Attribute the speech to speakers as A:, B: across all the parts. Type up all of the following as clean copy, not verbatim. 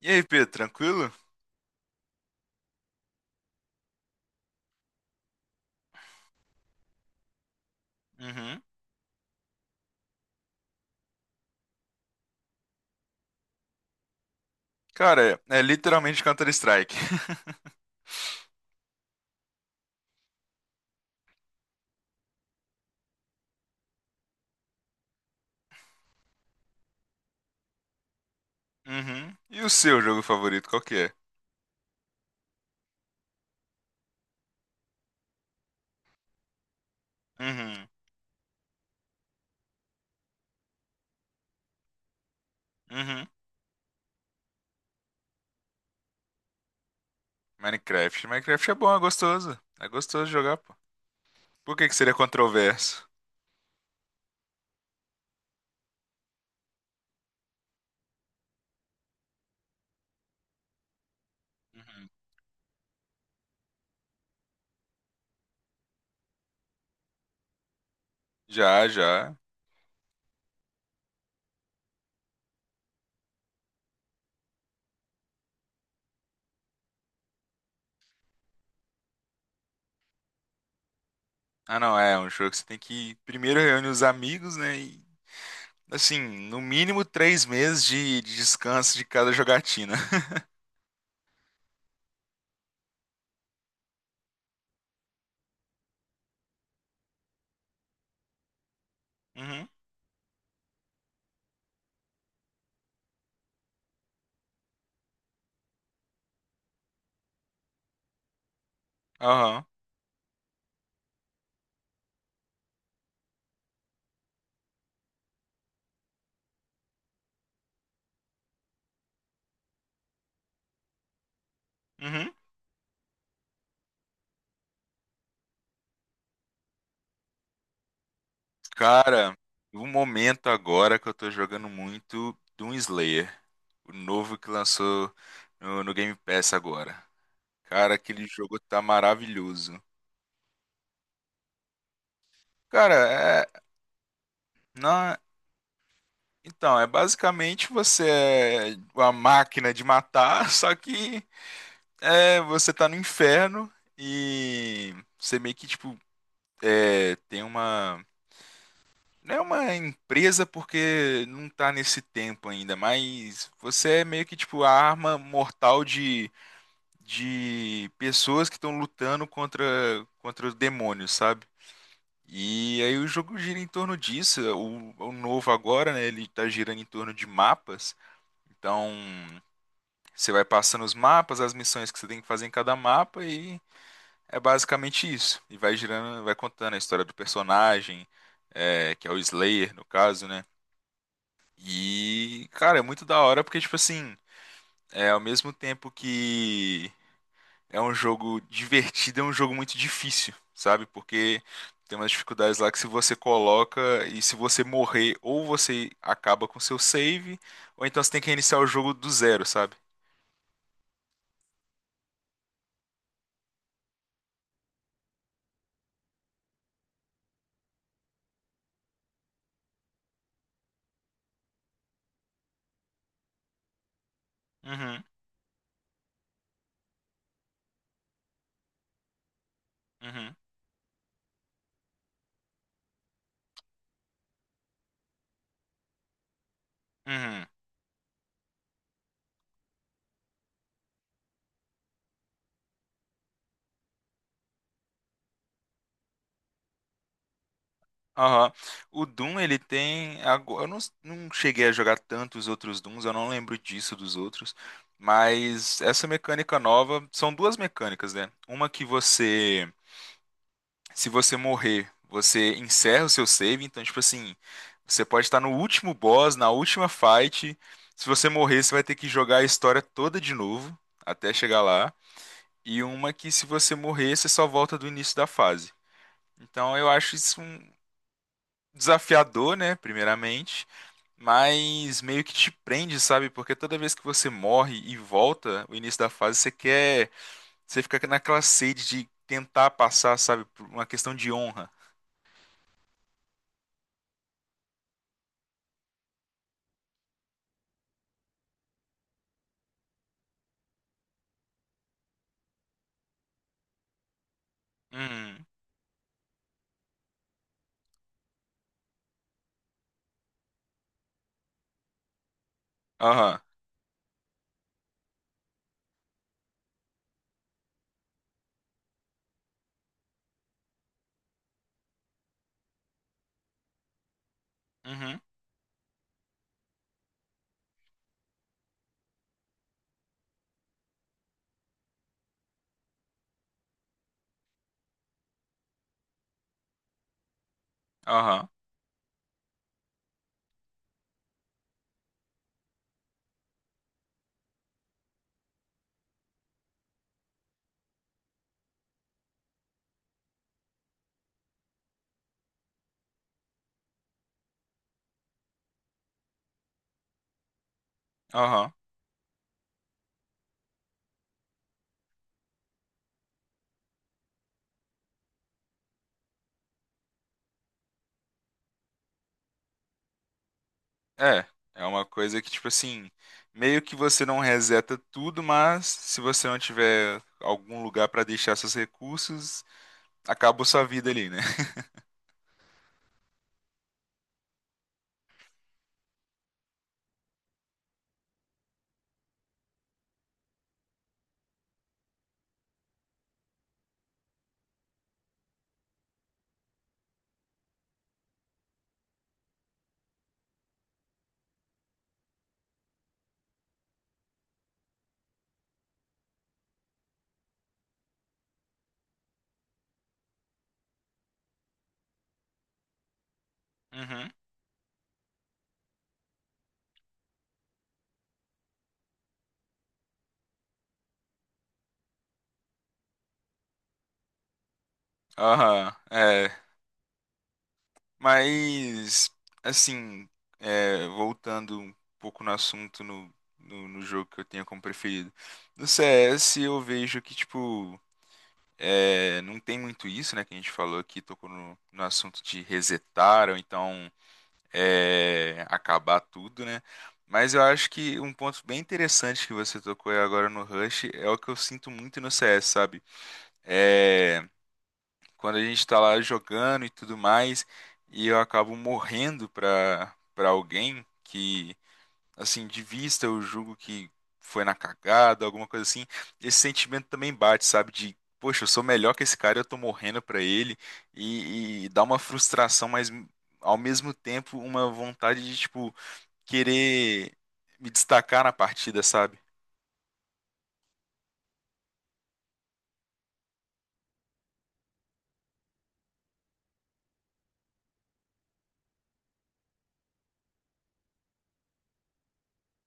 A: E aí, Pedro, tranquilo? Uhum. Cara, é literalmente Counter-Strike. Uhum. E o seu jogo favorito, qual que é? Uhum. Uhum. Minecraft. Minecraft é bom, é gostoso. É gostoso jogar, pô. Por que que seria controverso? Uhum. Já, já. Ah, não, é um jogo que você tem que primeiro reúne os amigos, né? E, assim, no mínimo 3 meses de descanso de cada jogatina. Uhum. Aham. Uhum. Cara, um momento agora que eu tô jogando muito Doom Slayer, o novo que lançou no Game Pass agora. Cara, aquele jogo tá maravilhoso. Cara, na- então, é basicamente você é uma máquina de matar, só que você tá no inferno e você meio que, tipo, tem uma não é uma empresa porque não tá nesse tempo ainda, mas você é meio que tipo a arma mortal de pessoas que estão lutando contra, contra os demônios, sabe? E aí o jogo gira em torno disso. O novo agora, né? Ele tá girando em torno de mapas. Então você vai passando os mapas, as missões que você tem que fazer em cada mapa e é basicamente isso. E vai girando, vai contando a história do personagem, é, que é o Slayer, no caso, né? E, cara, é muito da hora porque, tipo assim, é ao mesmo tempo que é um jogo divertido, é um jogo muito difícil, sabe? Porque tem umas dificuldades lá que se você coloca e se você morrer, ou você acaba com seu save, ou então você tem que reiniciar o jogo do zero, sabe? Uhum, uhum, uhum. Aham. O Doom, ele tem. Eu não, não cheguei a jogar tanto os outros Dooms, eu não lembro disso dos outros. Mas essa mecânica nova. São duas mecânicas, né? Uma que você. Se você morrer, você encerra o seu save. Então, tipo assim. Você pode estar no último boss, na última fight. Se você morrer, você vai ter que jogar a história toda de novo. Até chegar lá. E uma que, se você morrer, você só volta do início da fase. Então, eu acho isso desafiador, né? Primeiramente, mas meio que te prende, sabe? Porque toda vez que você morre e volta, o início da fase, você quer. Você fica naquela sede de tentar passar, sabe? Por uma questão de honra. Hum, aham, uhum, aham, aham. É, é uma coisa que, tipo assim, meio que você não reseta tudo, mas se você não tiver algum lugar pra deixar seus recursos, acabou sua vida ali, né? Uhum, aham, é. Mas, assim, voltando um pouco no assunto no jogo que eu tenho como preferido. No CS eu vejo que, tipo, não tem muito isso, né? Que a gente falou aqui, tocou no assunto de resetar ou então acabar tudo, né? Mas eu acho que um ponto bem interessante que você tocou agora no Rush é o que eu sinto muito no CS, sabe? É quando a gente está lá jogando e tudo mais, e eu acabo morrendo pra alguém que, assim, de vista eu julgo que foi na cagada, alguma coisa assim, esse sentimento também bate, sabe? De, poxa, eu sou melhor que esse cara, eu tô morrendo pra ele, e dá uma frustração, mas ao mesmo tempo uma vontade de, tipo, querer me destacar na partida, sabe?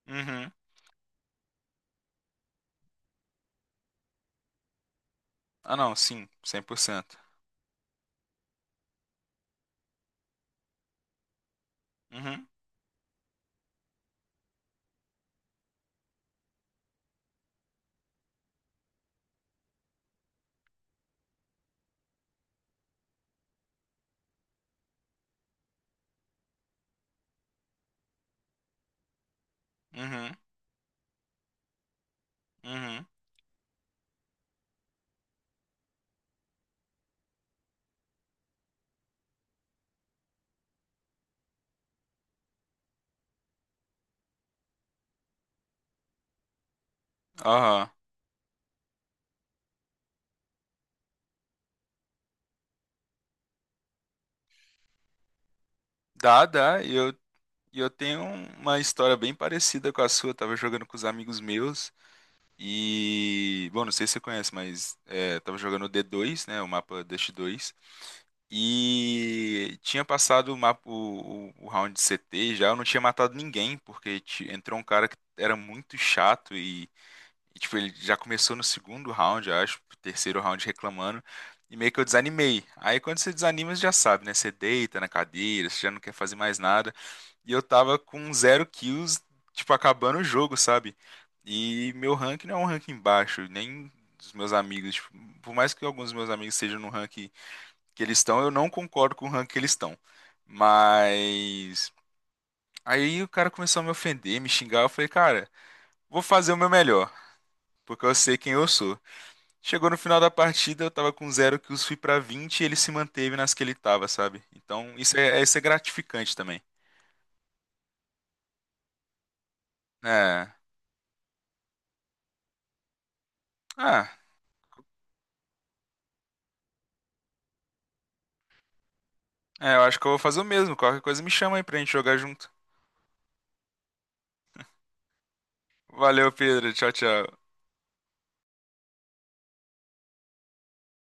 A: Uhum. Ah, não, sim, 100%. Uhum, uhum, uhum. Aham. Dá, dá. Eu E eu tenho uma história bem parecida com a sua. Eu tava jogando com os amigos meus e, bom, não sei se você conhece, mas tava jogando o D2, né, o mapa Dust 2, e tinha passado o mapa o round de CT já, eu não tinha matado ninguém, entrou um cara que era muito chato e, tipo, ele já começou no segundo round, eu acho, terceiro round reclamando. E meio que eu desanimei. Aí quando você desanima, você já sabe, né? Você deita na cadeira, você já não quer fazer mais nada. E eu tava com 0 kills, tipo, acabando o jogo, sabe? E meu rank não é um ranking baixo, nem dos meus amigos. Tipo, por mais que alguns dos meus amigos estejam no rank que eles estão, eu não concordo com o rank que eles estão. Mas. Aí o cara começou a me ofender, me xingar. Eu falei, cara, vou fazer o meu melhor, porque eu sei quem eu sou. Chegou no final da partida, eu tava com zero kills, fui pra 20 e ele se manteve nas que ele tava, sabe? Então isso é gratificante também. É. Ah, eu acho que eu vou fazer o mesmo. Qualquer coisa me chama aí pra gente jogar junto. Valeu, Pedro. Tchau, tchau.